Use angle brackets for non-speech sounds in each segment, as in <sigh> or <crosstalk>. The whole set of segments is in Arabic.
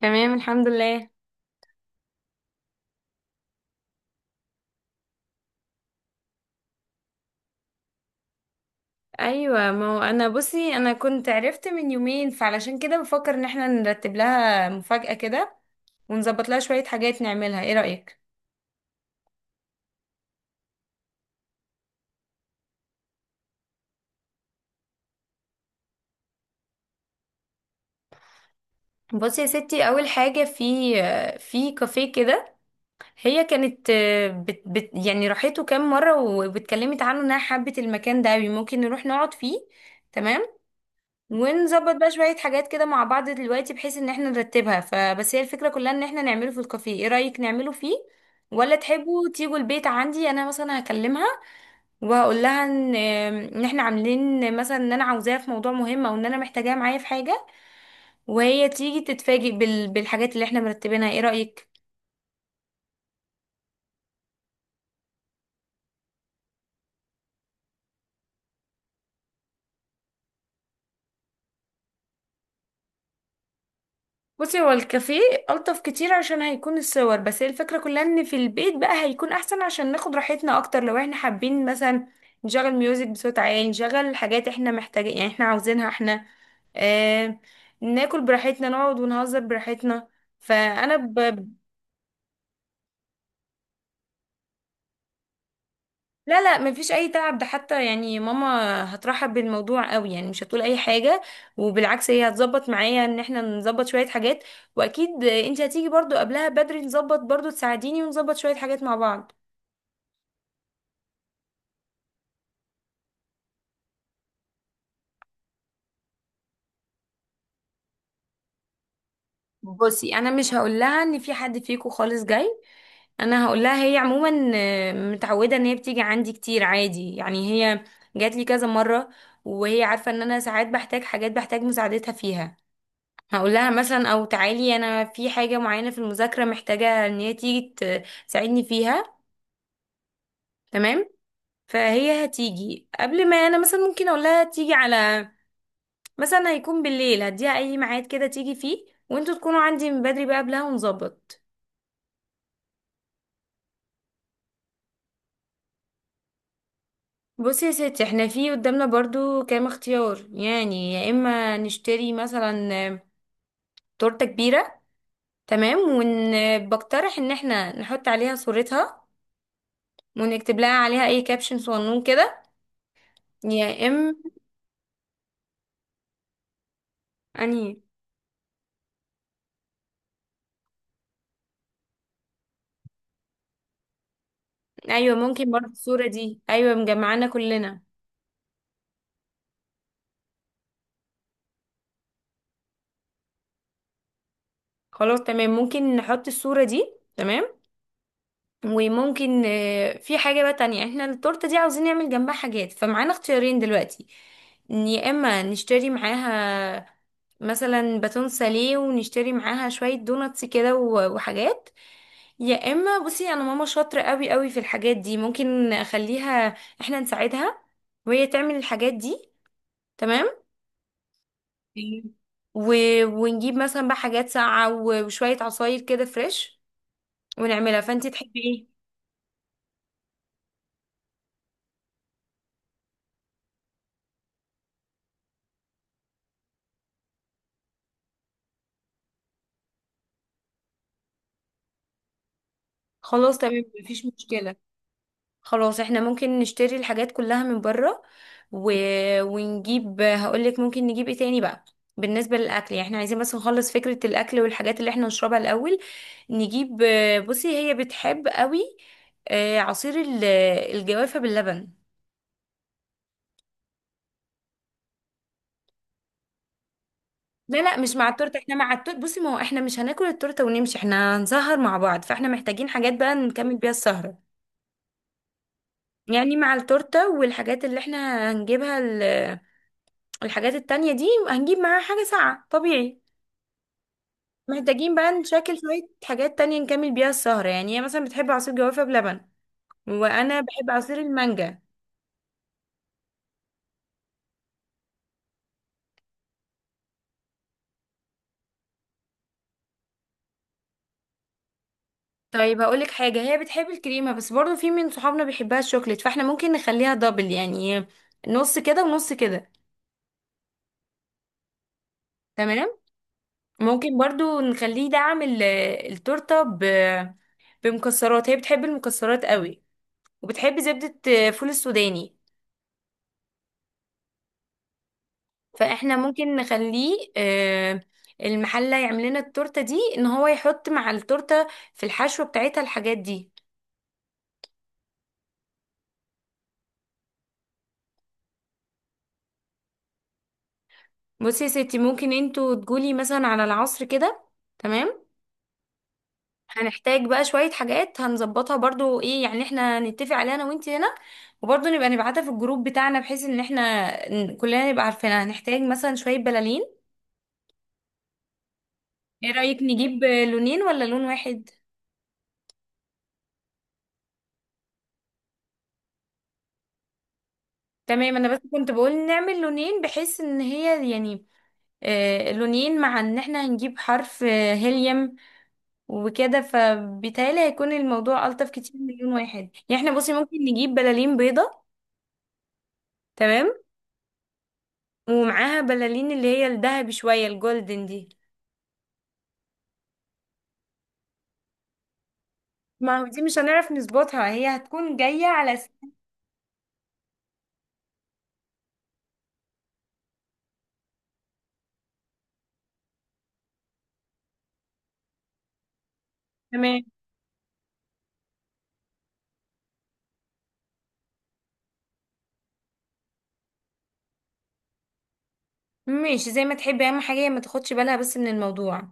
تمام، الحمد لله. ايوه، ما هو انا بصي انا كنت عرفت من يومين، فعلشان كده بفكر ان احنا نرتب لها مفاجأة كده، ونظبط لها شوية حاجات نعملها. ايه رأيك؟ بصي يا ستي، اول حاجة في في كافيه كده. هي كانت بت يعني راحته كام مرة، واتكلمت عنه انها حبت المكان ده أوي. ممكن نروح نقعد فيه. تمام، ونظبط بقى شوية حاجات كده مع بعض دلوقتي بحيث ان احنا نرتبها. فبس هي الفكرة كلها ان احنا نعمله في الكافيه. ايه رأيك نعمله فيه، ولا تحبوا تيجوا البيت عندي؟ انا مثلا هكلمها وهقول لها ان احنا عاملين مثلا ان انا عاوزاها في موضوع مهم، او ان انا محتاجاها معايا في حاجة، وهي تيجي تتفاجئ بالحاجات اللي احنا مرتبينها. ايه رأيك؟ بصي هو الكافيه ألطف كتير عشان هيكون الصور، بس هي الفكرة كلها ان في البيت بقى هيكون احسن عشان ناخد راحتنا اكتر، لو احنا حابين مثلا نشغل ميوزك بصوت عالي، نشغل حاجات احنا محتاجين، يعني احنا عاوزينها احنا. آه، ناكل براحتنا، نقعد ونهزر براحتنا. فأنا ب... لا لا، مفيش اي تعب. ده حتى يعني ماما هترحب بالموضوع قوي، يعني مش هتقول اي حاجه. وبالعكس هي هتظبط معايا ان احنا نظبط شويه حاجات. واكيد انت هتيجي برضو قبلها بدري، نظبط برضو، تساعديني، ونظبط شويه حاجات مع بعض. بصي انا مش هقول لها ان في حد فيكو خالص جاي. انا هقول لها، هي عموما متعوده ان هي بتيجي عندي كتير عادي، يعني هي جات لي كذا مره، وهي عارفه ان انا ساعات بحتاج حاجات، بحتاج مساعدتها فيها. هقول لها مثلا، او تعالي انا في حاجة معينة في المذاكرة محتاجة ان هي تيجي تساعدني فيها. تمام. فهي هتيجي قبل ما انا مثلا ممكن اقول لها تيجي على، مثلا هيكون بالليل، هديها اي ميعاد كده تيجي فيه، وانتوا تكونوا عندي من بدري بقى قبلها ونظبط. بصي يا ستي، احنا في قدامنا برضو كام اختيار. يعني يا اما نشتري مثلا تورتة كبيرة. تمام. وبقترح ان احنا نحط عليها صورتها، ونكتب لها عليها اي كابشن صغنون كده، يا انهي. ايوه ممكن برضه الصوره دي، ايوه مجمعانا كلنا. خلاص تمام، ممكن نحط الصوره دي. تمام. وممكن في حاجه بقى تانية. احنا التورته دي عاوزين نعمل جنبها حاجات، فمعانا اختيارين دلوقتي. إن يا اما نشتري معاها مثلا باتون ساليه، ونشتري معاها شويه دوناتس كده وحاجات. يا اما بصي انا ماما شاطره قوي قوي في الحاجات دي، ممكن اخليها، احنا نساعدها وهي تعمل الحاجات دي. تمام. أوكي. و... ونجيب مثلا بقى حاجات ساقعة وشوية عصاير كده فريش، ونعملها فانتي. تحبي ايه؟ خلاص تمام، مفيش مشكلة. خلاص احنا ممكن نشتري الحاجات كلها من بره. و... ونجيب، هقولك ممكن نجيب ايه تاني بقى. بالنسبة للأكل، يعني احنا عايزين بس نخلص فكرة الأكل والحاجات اللي احنا نشربها الأول. نجيب، بصي هي بتحب قوي عصير الجوافة باللبن. لا لا، مش مع التورته. احنا مع التورته بصي، ما هو احنا مش هناكل التورته ونمشي، احنا هنسهر مع بعض، فاحنا محتاجين حاجات بقى نكمل بيها السهره. يعني مع التورته والحاجات اللي احنا هنجيبها، الحاجات التانية دي هنجيب معاها حاجه ساقعه طبيعي. محتاجين بقى نشكل شويه حاجات تانية نكمل بيها السهره. يعني هي مثلا بتحب عصير جوافه بلبن، وانا بحب عصير المانجا. طيب هقولك حاجه، هي بتحب الكريمه بس برضو في من صحابنا بيحبها الشوكليت، فاحنا ممكن نخليها دبل يعني، نص كده ونص كده. تمام. ممكن برضو نخليه دعم التورتة بمكسرات. هي بتحب المكسرات قوي، وبتحب زبدة فول السوداني. فاحنا ممكن نخليه المحلة يعمل لنا التورتة دي، ان هو يحط مع التورتة في الحشوة بتاعتها الحاجات دي. بصي يا ستي، ممكن انتوا تقولي مثلا على العصر كده. تمام. هنحتاج بقى شوية حاجات هنظبطها برضو، ايه يعني، احنا نتفق عليها انا وانت هنا، وبرضو نبقى نبعتها في الجروب بتاعنا بحيث ان احنا كلنا نبقى عارفينها. هنحتاج مثلا شوية بلالين. ايه رأيك نجيب لونين ولا لون واحد؟ تمام، انا بس كنت بقول نعمل لونين بحيث ان هي يعني، آه لونين، مع ان احنا هنجيب حرف آه هيليوم وكده، فبالتالي هيكون الموضوع ألطف كتير من لون واحد. يعني احنا بصي ممكن نجيب بلالين بيضة. تمام. ومعاها بلالين اللي هي الذهبي، شوية الجولدن دي. ما هو دي مش هنعرف نظبطها، هي هتكون جاية على س... تمام ماشي، زي ما تحبي. اهم حاجة هي ما تاخدش بالها بس من الموضوع.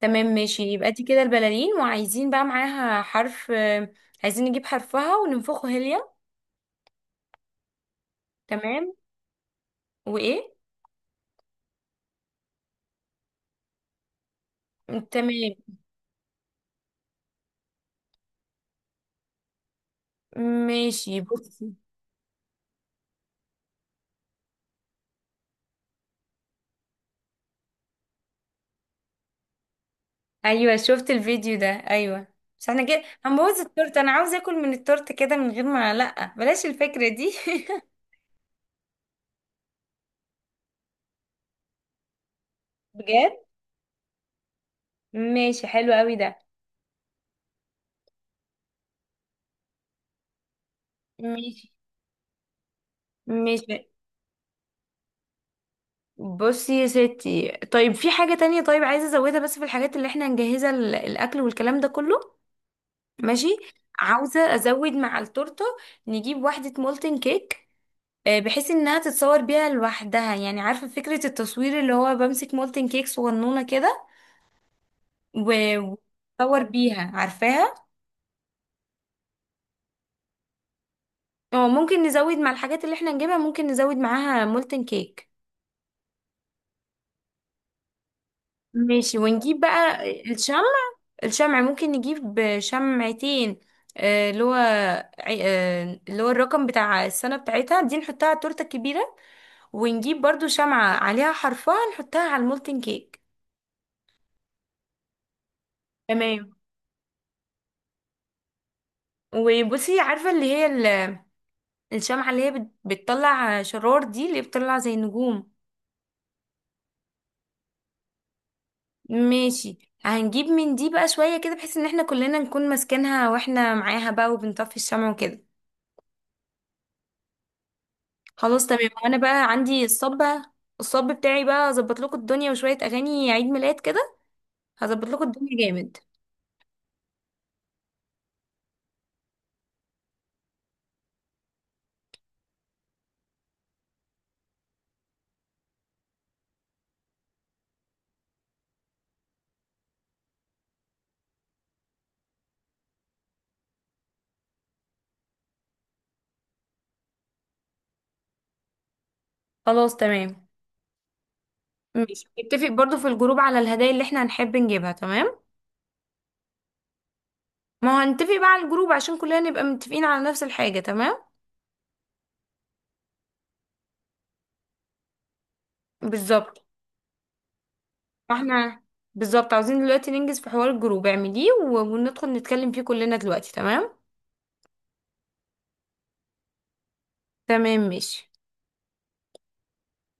تمام ماشي، يبقى دي كده البلالين. وعايزين بقى معاها حرف عايزين نجيب حرفها وننفخه هيليا. تمام. وايه؟ تمام ماشي. بصي، ايوه شفت الفيديو ده، ايوه. بس احنا كده هنبوظ التورته، انا عاوزه اكل من التورته كده من غير ما، لا بلاش الفكرة دي. <laughs> بجد؟ ماشي، حلو قوي ده. ماشي. ماشي. بصي يا ستي، طيب في حاجة تانية، طيب عايزة ازودها بس في الحاجات اللي احنا نجهزها، الأكل والكلام ده كله. ماشي. عاوزة ازود مع التورتة، نجيب واحدة مولتن كيك بحيث انها تتصور بيها لوحدها، يعني عارفة فكرة التصوير اللي هو بمسك مولتن كيك صغنونة كده و- واتصور بيها، عارفاها. اه ممكن نزود مع الحاجات اللي احنا نجيبها، ممكن نزود معاها مولتن كيك. ماشي، ونجيب بقى الشمع. الشمع ممكن نجيب شمعتين آه، اللي هو اللي هو الرقم بتاع السنة بتاعتها دي، نحطها على التورتة الكبيرة، ونجيب برضو شمعة عليها حرفها نحطها على المولتن كيك. تمام. وبصي عارفة اللي هي الشمعة اللي هي بتطلع شرار دي، اللي هي بتطلع زي النجوم. ماشي، هنجيب من دي بقى شوية كده، بحيث ان احنا كلنا نكون ماسكينها واحنا معاها بقى وبنطفي الشمع وكده. خلاص تمام. وانا بقى عندي الصب بقى، الصب بتاعي بقى اظبط لكم الدنيا، وشوية اغاني عيد ميلاد كده، هظبط لكم الدنيا جامد. خلاص تمام. ماشي، نتفق برضو في الجروب على الهدايا اللي احنا هنحب نجيبها. تمام. ما هو هنتفق بقى على الجروب عشان كلنا نبقى متفقين على نفس الحاجة. تمام. بالظبط. احنا بالظبط عاوزين دلوقتي ننجز في حوار الجروب، اعمليه وندخل نتكلم فيه كلنا دلوقتي. تمام. تمام ماشي.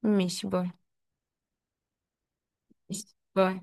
ماشي، باي. ماشي، باي.